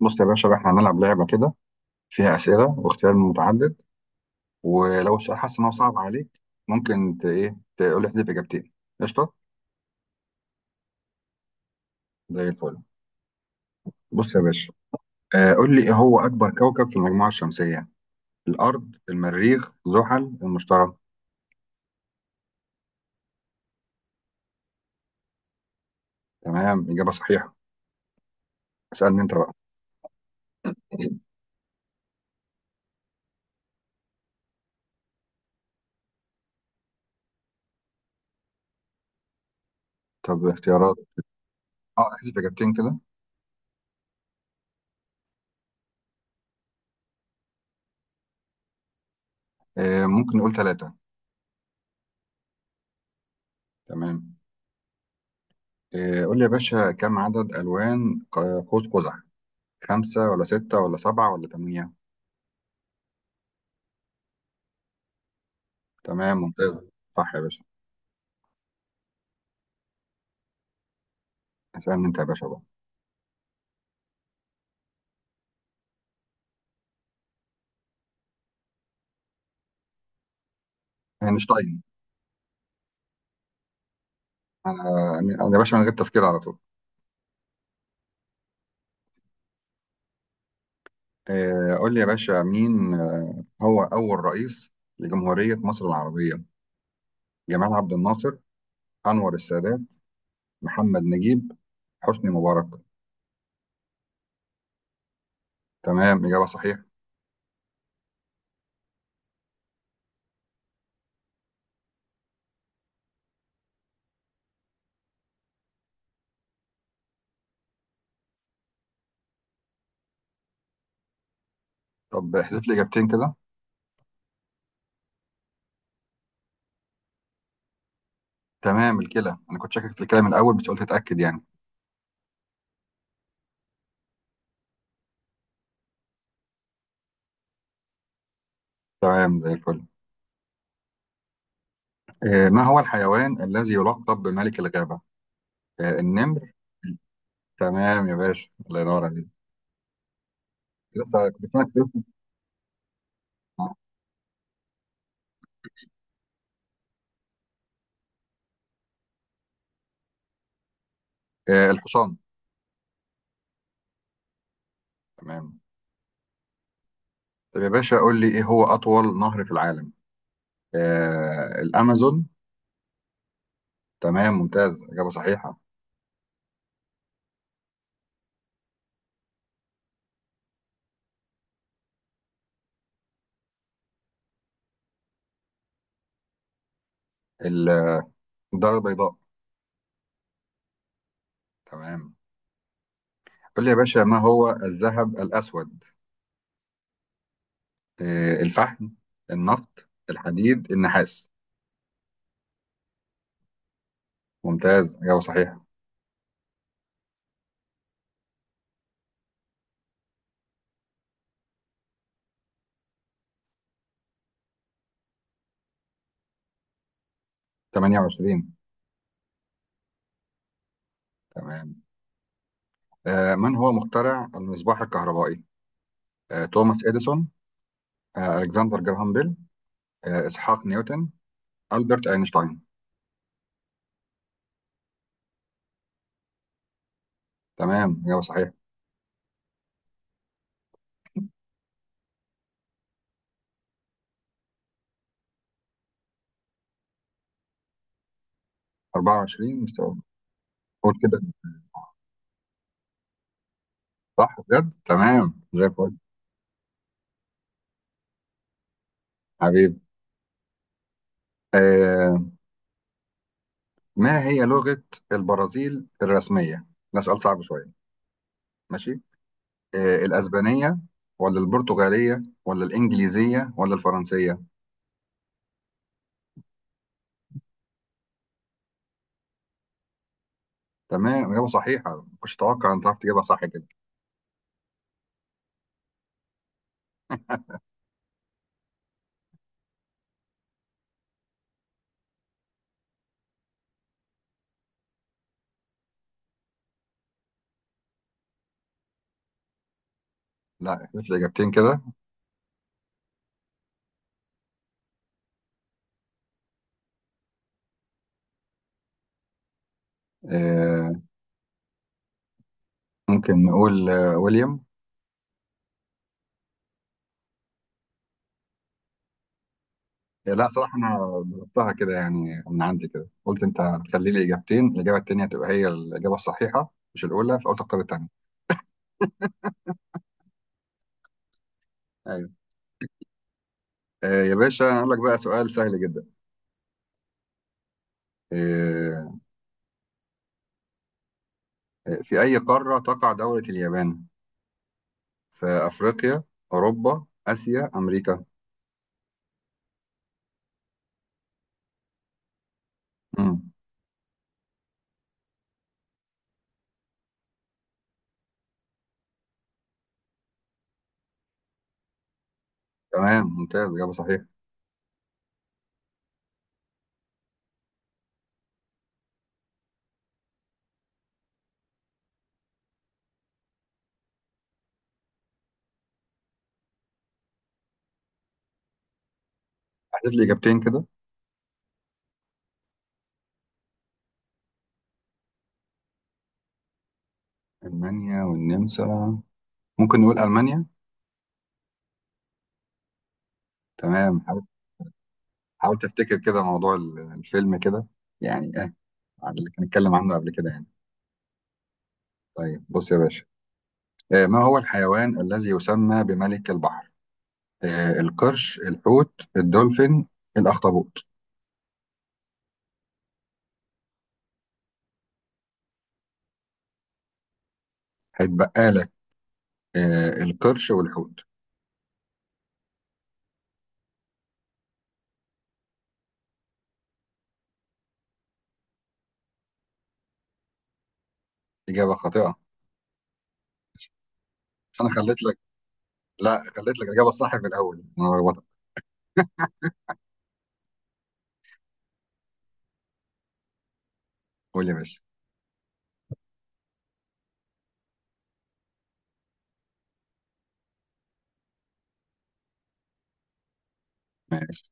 بص يا باشا بقى احنا هنلعب لعبة كده فيها أسئلة واختيار متعدد. ولو السؤال حاسس إن هو صعب عليك ممكن ت... إيه تقول لي احذف إجابتين. قشطة، زي الفل. بص يا باشا، قول لي إيه هو أكبر كوكب في المجموعة الشمسية؟ الأرض، المريخ، زحل، المشتري؟ تمام، إجابة صحيحة. اسألني أنت بقى. طب اختيارات. احذف إجابتين كده. ممكن نقول ثلاثة. تمام. قول لي يا باشا، كم عدد ألوان قوس قزح؟ خمسة ولا ستة ولا سبعة ولا ثمانية؟ تمام، ممتاز. صح يا باشا. اسألني انت يا باشا بقى. اينشتاين. انا، يعني انا يا باشا من غير تفكير على طول. قول لي يا باشا، مين هو اول رئيس لجمهورية مصر العربية؟ جمال عبد الناصر، انور السادات، محمد نجيب، حسني مبارك؟ تمام، إجابة صحيحة. طب احذف لي إجابتين كده. تمام، الكلى. أنا كنت شاكك في الكلى من الأول بس قلت أتأكد يعني. تمام، زي الفل. ما هو الحيوان الذي يلقب بملك الغابة؟ النمر. تمام يا باشا، الله ينور عليك. لسه كنت سامعك الحصان. تمام. طب يا باشا، قول لي ايه هو اطول نهر في العالم؟ الامازون. تمام ممتاز، اجابه صحيحه. ال- الدار البيضاء. تمام. قول لي يا باشا، ما هو الذهب الاسود؟ الفحم، النفط، الحديد، النحاس؟ ممتاز، اجابه صحيحه. 28. تمام. من هو مخترع المصباح الكهربائي؟ توماس اديسون، الكسندر جراهام بيل، اسحاق نيوتن، البرت اينشتاين؟ تمام، اجابه صحيحه. 24 بس. قول كده. صح بجد، تمام زي الفل. حبيب. آه ما هي لغة البرازيل الرسمية؟ ده سؤال صعب شوية. ماشي. الأسبانية، ولا البرتغالية، ولا الإنجليزية، ولا الفرنسية؟ تمام، إجابة صحيحة. ما كنتش أتوقع أن تعرف تجيبها صح كده. لا، احذف لي إجابتين كده. آه ممكن نقول ويليام. لا، صراحة أنا ضربتها كده يعني من عندي كده، قلت أنت هتخلي لي إجابتين، الإجابة التانية تبقى هي الإجابة الصحيحة مش الأولى، فأو تختار التانية. أيوه. يا باشا، أنا هقول لك بقى سؤال سهل جدا. آه في أي قارة تقع دولة اليابان؟ في أفريقيا، أوروبا، آسيا، أمريكا. مم. تمام، ممتاز، إجابة صحيحة. هحذف لي إجابتين كده. ألمانيا والنمسا. ممكن نقول ألمانيا. تمام، حاول. حاول تفتكر كده موضوع الفيلم كده، يعني إيه، على اللي كنا نتكلم عنه قبل كده يعني. طيب، بص يا باشا. ما هو الحيوان الذي يسمى بملك البحر؟ القرش، الحوت، الدولفين، الأخطبوط؟ هيتبقى لك القرش والحوت. إجابة خاطئة. أنا خليت لك، لا خليت لك الاجابه الصح في الاول، انا غلطت. قول يا باشا. ماشي.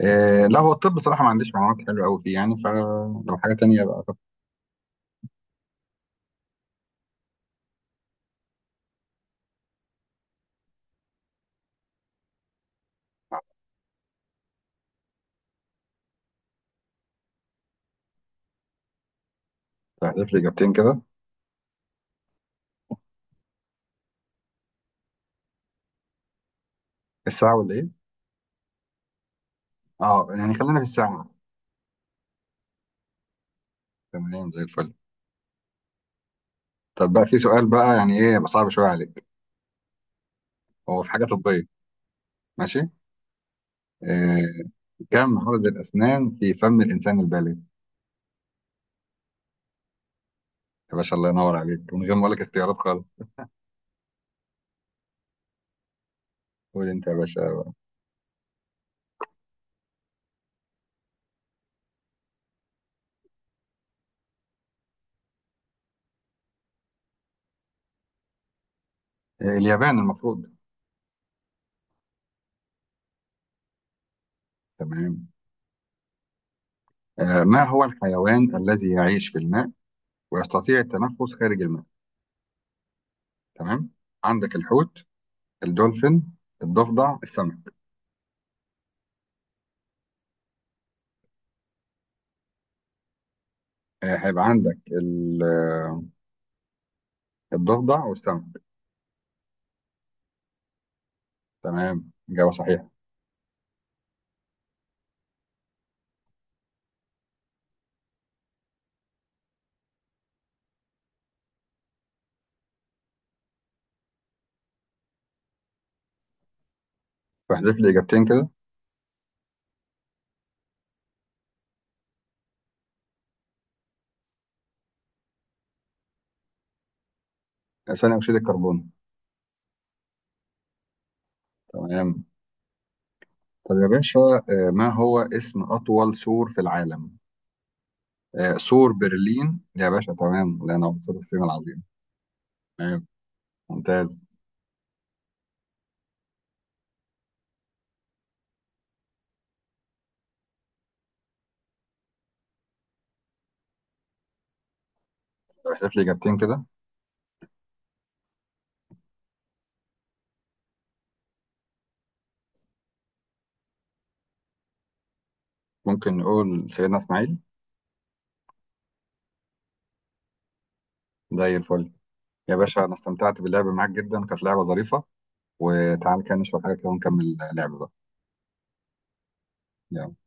إيه، لا هو الطب بصراحه ما عنديش معلومات حلوه قوي فيه يعني، فلو حاجه تانية بقى. تحذف لي اجابتين كده. الساعه ولا ايه؟ اه يعني خلينا في الساعه. تمام، زي الفل. طب بقى في سؤال بقى يعني ايه يبقى صعب شويه عليك، هو في حاجه طبيه؟ ماشي. إيه. كم عدد الاسنان في فم الانسان البالغ؟ يا باشا الله ينور عليك، من غير ما اقول لك اختيارات خالص. قول انت يا باشا بقى. إيه، اليابان المفروض. تمام. ما هو الحيوان الذي يعيش في الماء ويستطيع التنفس خارج الماء؟ تمام. عندك الحوت، الدولفين، الضفدع، السمك. هيبقى عندك الضفدع والسمك. تمام، إجابة صحيحة. فاحذف لي إجابتين كده. ثاني أكسيد الكربون. تمام. طب يا باشا، ما هو اسم أطول سور في العالم؟ سور برلين يا باشا. تمام، لأن هو سور الصين العظيم. تمام، ممتاز. طب احذف لي إجابتين كده. ممكن نقول سيدنا إسماعيل. زي الفل. يا باشا، أنا استمتعت باللعب معاك جدا، كانت لعبة ظريفة. وتعال كده نشرب حاجة كده ونكمل لعب بقى. يلا.